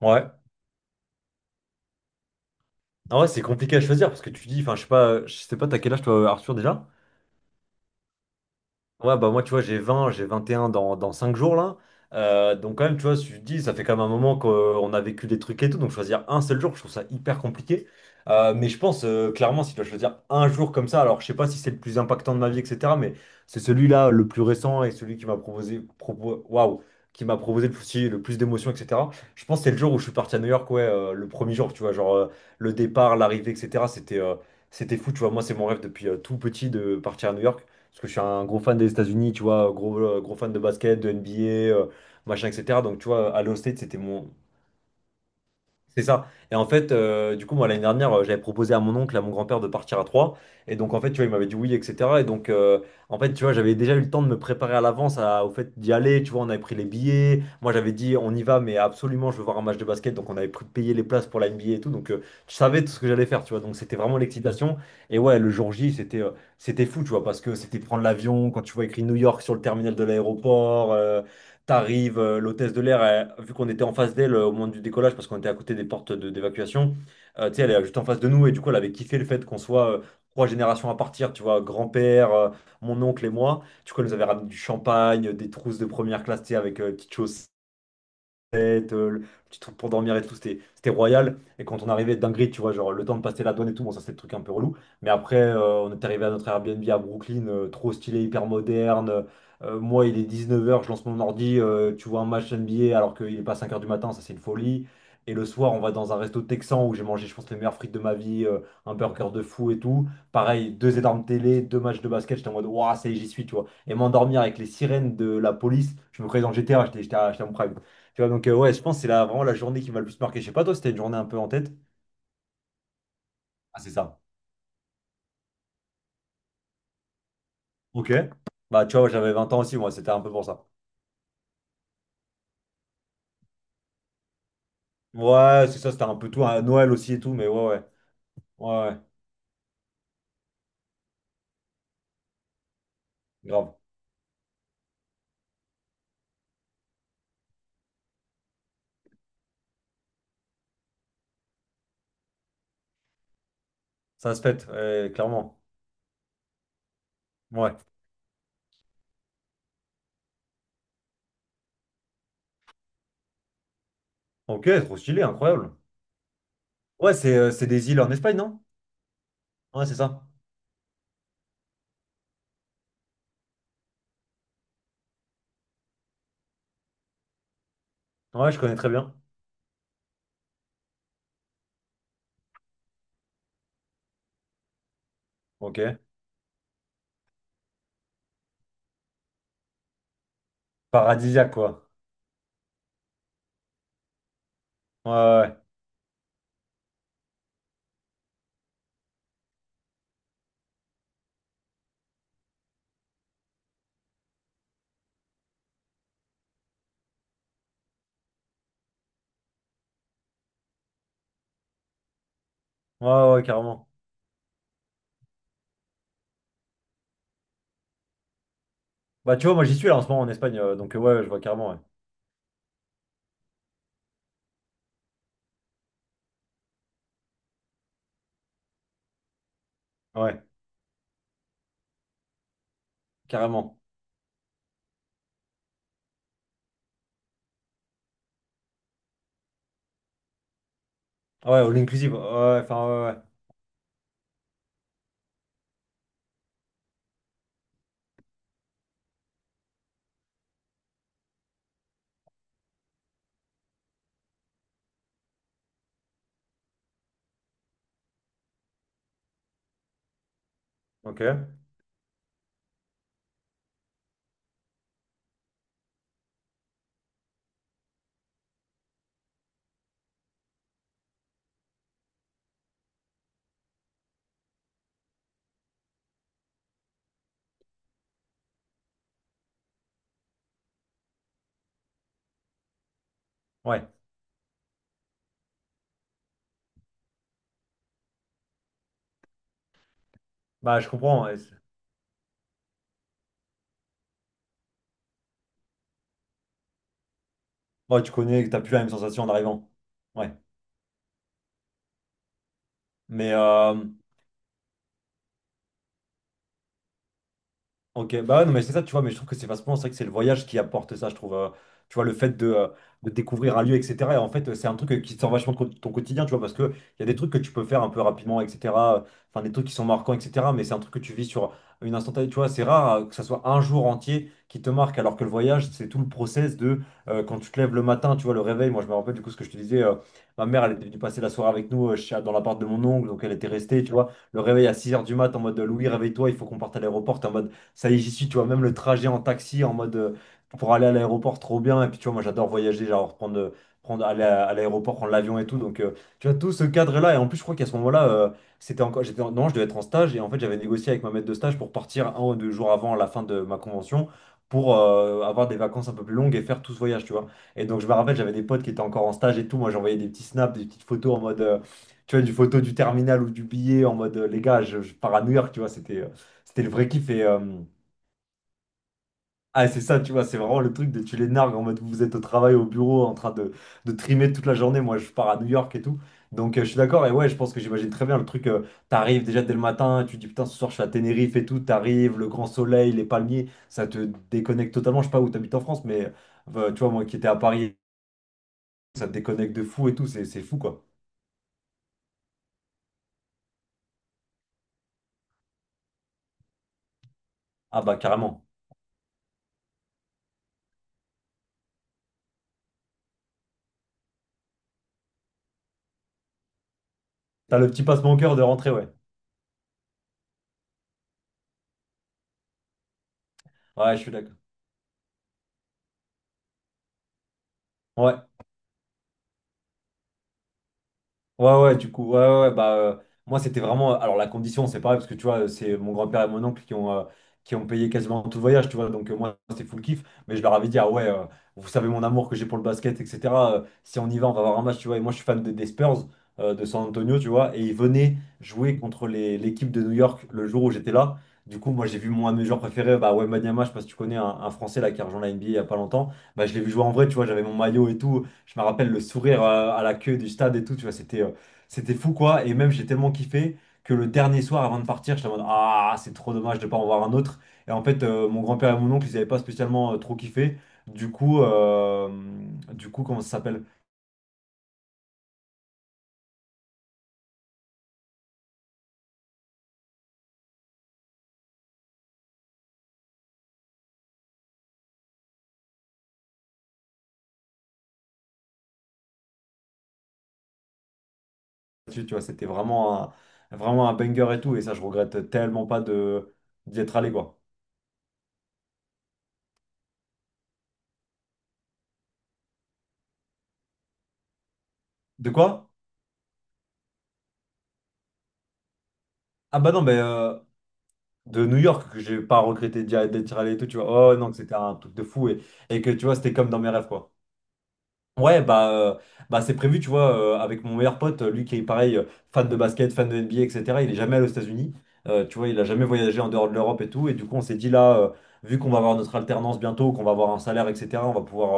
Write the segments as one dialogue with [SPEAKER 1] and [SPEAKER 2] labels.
[SPEAKER 1] Ouais. Ah ouais, c'est compliqué à choisir parce que tu dis, enfin, je sais pas, t'as quel âge toi, Arthur, déjà? Ouais, bah moi, tu vois, j'ai 21 dans 5 jours, là. Donc, quand même, tu vois, si je te dis, ça fait quand même un moment qu'on a vécu des trucs et tout. Donc, choisir un seul jour, je trouve ça hyper compliqué. Mais je pense, clairement, si tu dois choisir un jour comme ça, alors je sais pas si c'est le plus impactant de ma vie, etc. Mais c'est celui-là le plus récent et celui qui m'a proposé le plus d'émotions, etc. Je pense que c'est le jour où je suis parti à New York, ouais, le premier jour, tu vois, genre le départ, l'arrivée, etc. C'était fou, tu vois. Moi, c'est mon rêve depuis tout petit de partir à New York. Parce que je suis un gros fan des États-Unis, tu vois, gros fan de basket, de NBA, machin, etc. Donc, tu vois, Ohio State, c'est ça. Et en fait, du coup, moi, l'année dernière, j'avais proposé à mon oncle, à mon grand-père de partir à Troyes. Et donc, en fait, tu vois, il m'avait dit oui, etc. Et donc, en fait, tu vois, j'avais déjà eu le temps de me préparer à l'avance au fait d'y aller. Tu vois, on avait pris les billets. Moi, j'avais dit, on y va, mais absolument, je veux voir un match de basket. Donc, on avait payé les places pour la NBA et tout. Donc, je savais tout ce que j'allais faire, tu vois. Donc, c'était vraiment l'excitation. Et ouais, le jour J, c'était fou, tu vois, parce que c'était prendre l'avion. Quand tu vois écrit New York sur le terminal de l'aéroport, t'arrives, l'hôtesse de l'air, vu qu'on était en face d'elle au moment du décollage, parce qu'on était à côté des portes d'évacuation, tu sais, elle est juste en face de nous, et du coup, elle avait kiffé le fait qu'on soit trois générations à partir, tu vois, grand-père, mon oncle et moi. Du coup, elle nous avait ramené du champagne, des trousses de première classe, tu sais, avec petites choses tête, le petit truc pour dormir et tout, c'était royal. Et quand on arrivait dinguerie, tu vois, genre le temps de passer la douane et tout, bon, ça c'est le truc un peu relou. Mais après, on est arrivé à notre Airbnb à Brooklyn, trop stylé, hyper moderne. Moi, il est 19 h, je lance mon ordi, tu vois un match NBA alors qu'il est pas 5 heures du matin, ça c'est une folie. Et le soir, on va dans un resto texan où j'ai mangé, je pense, les meilleures frites de ma vie, un burger de fou et tout. Pareil, deux énormes télé, deux matchs de basket, j'étais en mode, waouh, ça y est, j'y suis, tu vois. Et m'endormir avec les sirènes de la police, je me croyais dans GTA, j'étais à mon prime. Tu vois, donc ouais, je pense que c'est vraiment la journée qui m'a le plus marqué. Je sais pas, toi, c'était une journée un peu en tête. Ah, c'est ça. Ok. Bah, tu vois, j'avais 20 ans aussi, moi, c'était un peu pour ça. Ouais, c'est ça, c'était un peu tout, hein, Noël aussi et tout, mais ouais, ouais. Ouais, ouais, grave. Ça se pète, ouais, clairement. Ouais. Ok, trop stylé, incroyable. Ouais, c'est des îles en Espagne, non? Ouais, c'est ça. Ouais, je connais très bien. Ok. Paradisiaque, quoi. Ouais, ouais, ouais, ouais, ouais, carrément. Bah, tu vois, moi, j'y suis là en ce moment en Espagne, donc ouais, ouais, je vois carrément, ouais. Ouais, carrément. Ouais, all inclusive. Ouais, ouais, enfin, ouais, ouais. Ok. Ouais. Bah, je comprends, ouais. Ouais, tu connais, que t'as plus la même sensation en arrivant. Ouais. Mais, ok, bah ouais, non, mais c'est ça, tu vois, mais je trouve que c'est facilement, c'est vrai que c'est le voyage qui apporte ça, je trouve, tu vois, le fait de découvrir un lieu, etc. Et en fait, c'est un truc qui sort vachement de ton quotidien, tu vois, parce qu'il y a des trucs que tu peux faire un peu rapidement, etc. Enfin, des trucs qui sont marquants, etc. Mais c'est un truc que tu vis sur une instantanée, tu vois. C'est rare que ça soit un jour entier qui te marque, alors que le voyage, c'est tout le process de quand tu te lèves le matin, tu vois, le réveil. Moi, je me rappelle du coup ce que je te disais. Ma mère, elle était venue passer la soirée avec nous dans l'appart de mon oncle, donc elle était restée, tu vois. Le réveil à 6 heures du mat en mode Louis, réveille-toi, il faut qu'on parte à l'aéroport. T'es en mode ça y est, j'y suis, tu vois, même le trajet en taxi en mode pour aller à l'aéroport, trop bien. Et puis, tu vois, moi, j'adore voyager, genre prendre aller à l'aéroport, prendre l'avion et tout. Donc, tu vois, tout ce cadre-là. Et en plus, je crois qu'à ce moment-là, c'était encore, non, je devais être en stage. Et en fait, j'avais négocié avec ma maître de stage pour partir un ou deux jours avant la fin de ma convention pour avoir des vacances un peu plus longues et faire tout ce voyage, tu vois. Et donc, je me rappelle, j'avais des potes qui étaient encore en stage et tout. Moi, j'envoyais des petits snaps, des petites photos en mode, tu vois, du photo du terminal ou du billet en mode les gars, je pars à New York, tu vois, c'était le vrai kiff. Et, ah, c'est ça, tu vois, c'est vraiment le truc de tu les nargues en mode vous êtes au travail, au bureau, en train de trimer toute la journée. Moi, je pars à New York et tout. Donc, je suis d'accord. Et ouais, je pense que j'imagine très bien le truc. T'arrives déjà dès le matin, tu te dis putain, ce soir, je suis à Tenerife et tout. T'arrives, le grand soleil, les palmiers, ça te déconnecte totalement. Je sais pas où t'habites en France, mais tu vois, moi qui étais à Paris, ça te déconnecte de fou et tout. C'est fou, quoi. Ah, bah, carrément. T'as le petit passe-mon-cœur de rentrer, ouais. Ouais, je suis d'accord. Ouais. Ouais, ouais, du coup, ouais, ouais, ouais, bah, moi, c'était vraiment. Alors, la condition, c'est pareil, parce que tu vois, c'est mon grand-père et mon oncle qui ont payé quasiment tout le voyage, tu vois. Donc, moi, c'est full kiff. Mais je leur avais dit, ah ouais, vous savez mon amour que j'ai pour le basket, etc. Si on y va, on va avoir un match, tu vois. Et moi, je suis des Spurs de San Antonio, tu vois. Et ils venaient jouer contre l'équipe de New York le jour où j'étais là. Du coup, moi, j'ai vu mon un de mes joueurs préférés, bah, Wembanyama, Banyama je sais pas si tu connais un Français là qui a rejoint la NBA il y a pas longtemps. Bah, je l'ai vu jouer en vrai, tu vois. J'avais mon maillot et tout. Je me rappelle le sourire à la queue du stade et tout, tu vois. C'était fou quoi, et même j'ai tellement kiffé que le dernier soir avant de partir, j'étais en mode ah, c'est trop dommage de pas en voir un autre. Et en fait, mon grand-père et mon oncle, ils avaient pas spécialement trop kiffé. Du coup, euh, du coup, comment ça s'appelle? Tu vois, c'était vraiment un banger et tout, et ça, je regrette tellement pas de d'y être allé quoi. De quoi? Ah bah non, mais de New York, que j'ai pas regretté d'être allé et tout, tu vois. Oh non, que c'était un truc de fou, et que tu vois, c'était comme dans mes rêves quoi. Ouais, bah, bah c'est prévu, tu vois, avec mon meilleur pote, lui qui est pareil, fan de basket, fan de NBA, etc. Il est jamais allé aux États-Unis. Tu vois, il a jamais voyagé en dehors de l'Europe et tout. Et du coup, on s'est dit là, vu qu'on va avoir notre alternance bientôt, qu'on va avoir un salaire, etc., on va pouvoir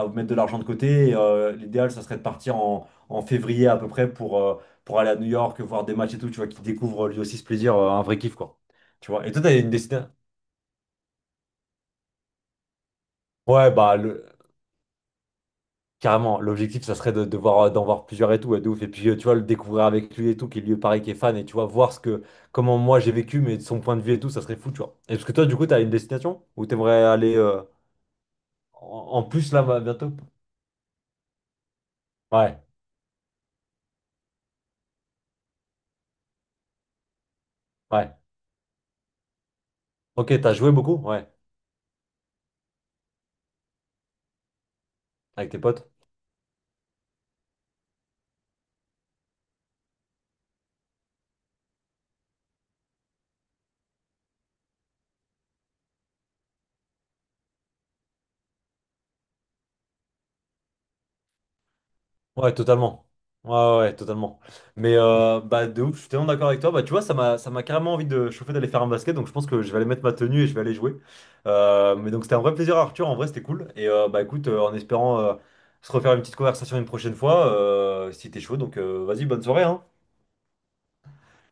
[SPEAKER 1] mettre de l'argent de côté. Et, l'idéal, ça serait de partir en février à peu près pour aller à New York, voir des matchs et tout, tu vois, qui découvre lui aussi ce plaisir, un vrai kiff, quoi. Tu vois, et toi, t'as une destination. Ouais, bah, carrément, l'objectif, ça serait de voir, d'en voir plusieurs et tout, ouais, de ouf. Et puis, tu vois, le découvrir avec lui et tout, qui lui paraît qui est fan, et tu vois, voir ce que, comment moi j'ai vécu, mais de son point de vue et tout, ça serait fou, tu vois. Et parce que toi, du coup, t'as une destination où t'aimerais aller en, en plus là, bah, bientôt? Ouais, ouais. Ok, t'as joué beaucoup? Ouais, avec tes potes? Ouais, totalement. Ouais, ouais, ouais, totalement. Mais bah, de ouf, je suis tellement d'accord avec toi. Bah, tu vois, ça m'a carrément envie de chauffer d'aller faire un basket. Donc, je pense que je vais aller mettre ma tenue et je vais aller jouer. Mais donc, c'était un vrai plaisir, Arthur. En vrai, c'était cool. Et bah, écoute, en espérant se refaire une petite conversation une prochaine fois, si t'es chaud. Donc, vas-y, bonne soirée, hein.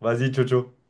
[SPEAKER 1] Vas-y, ciao, ciao.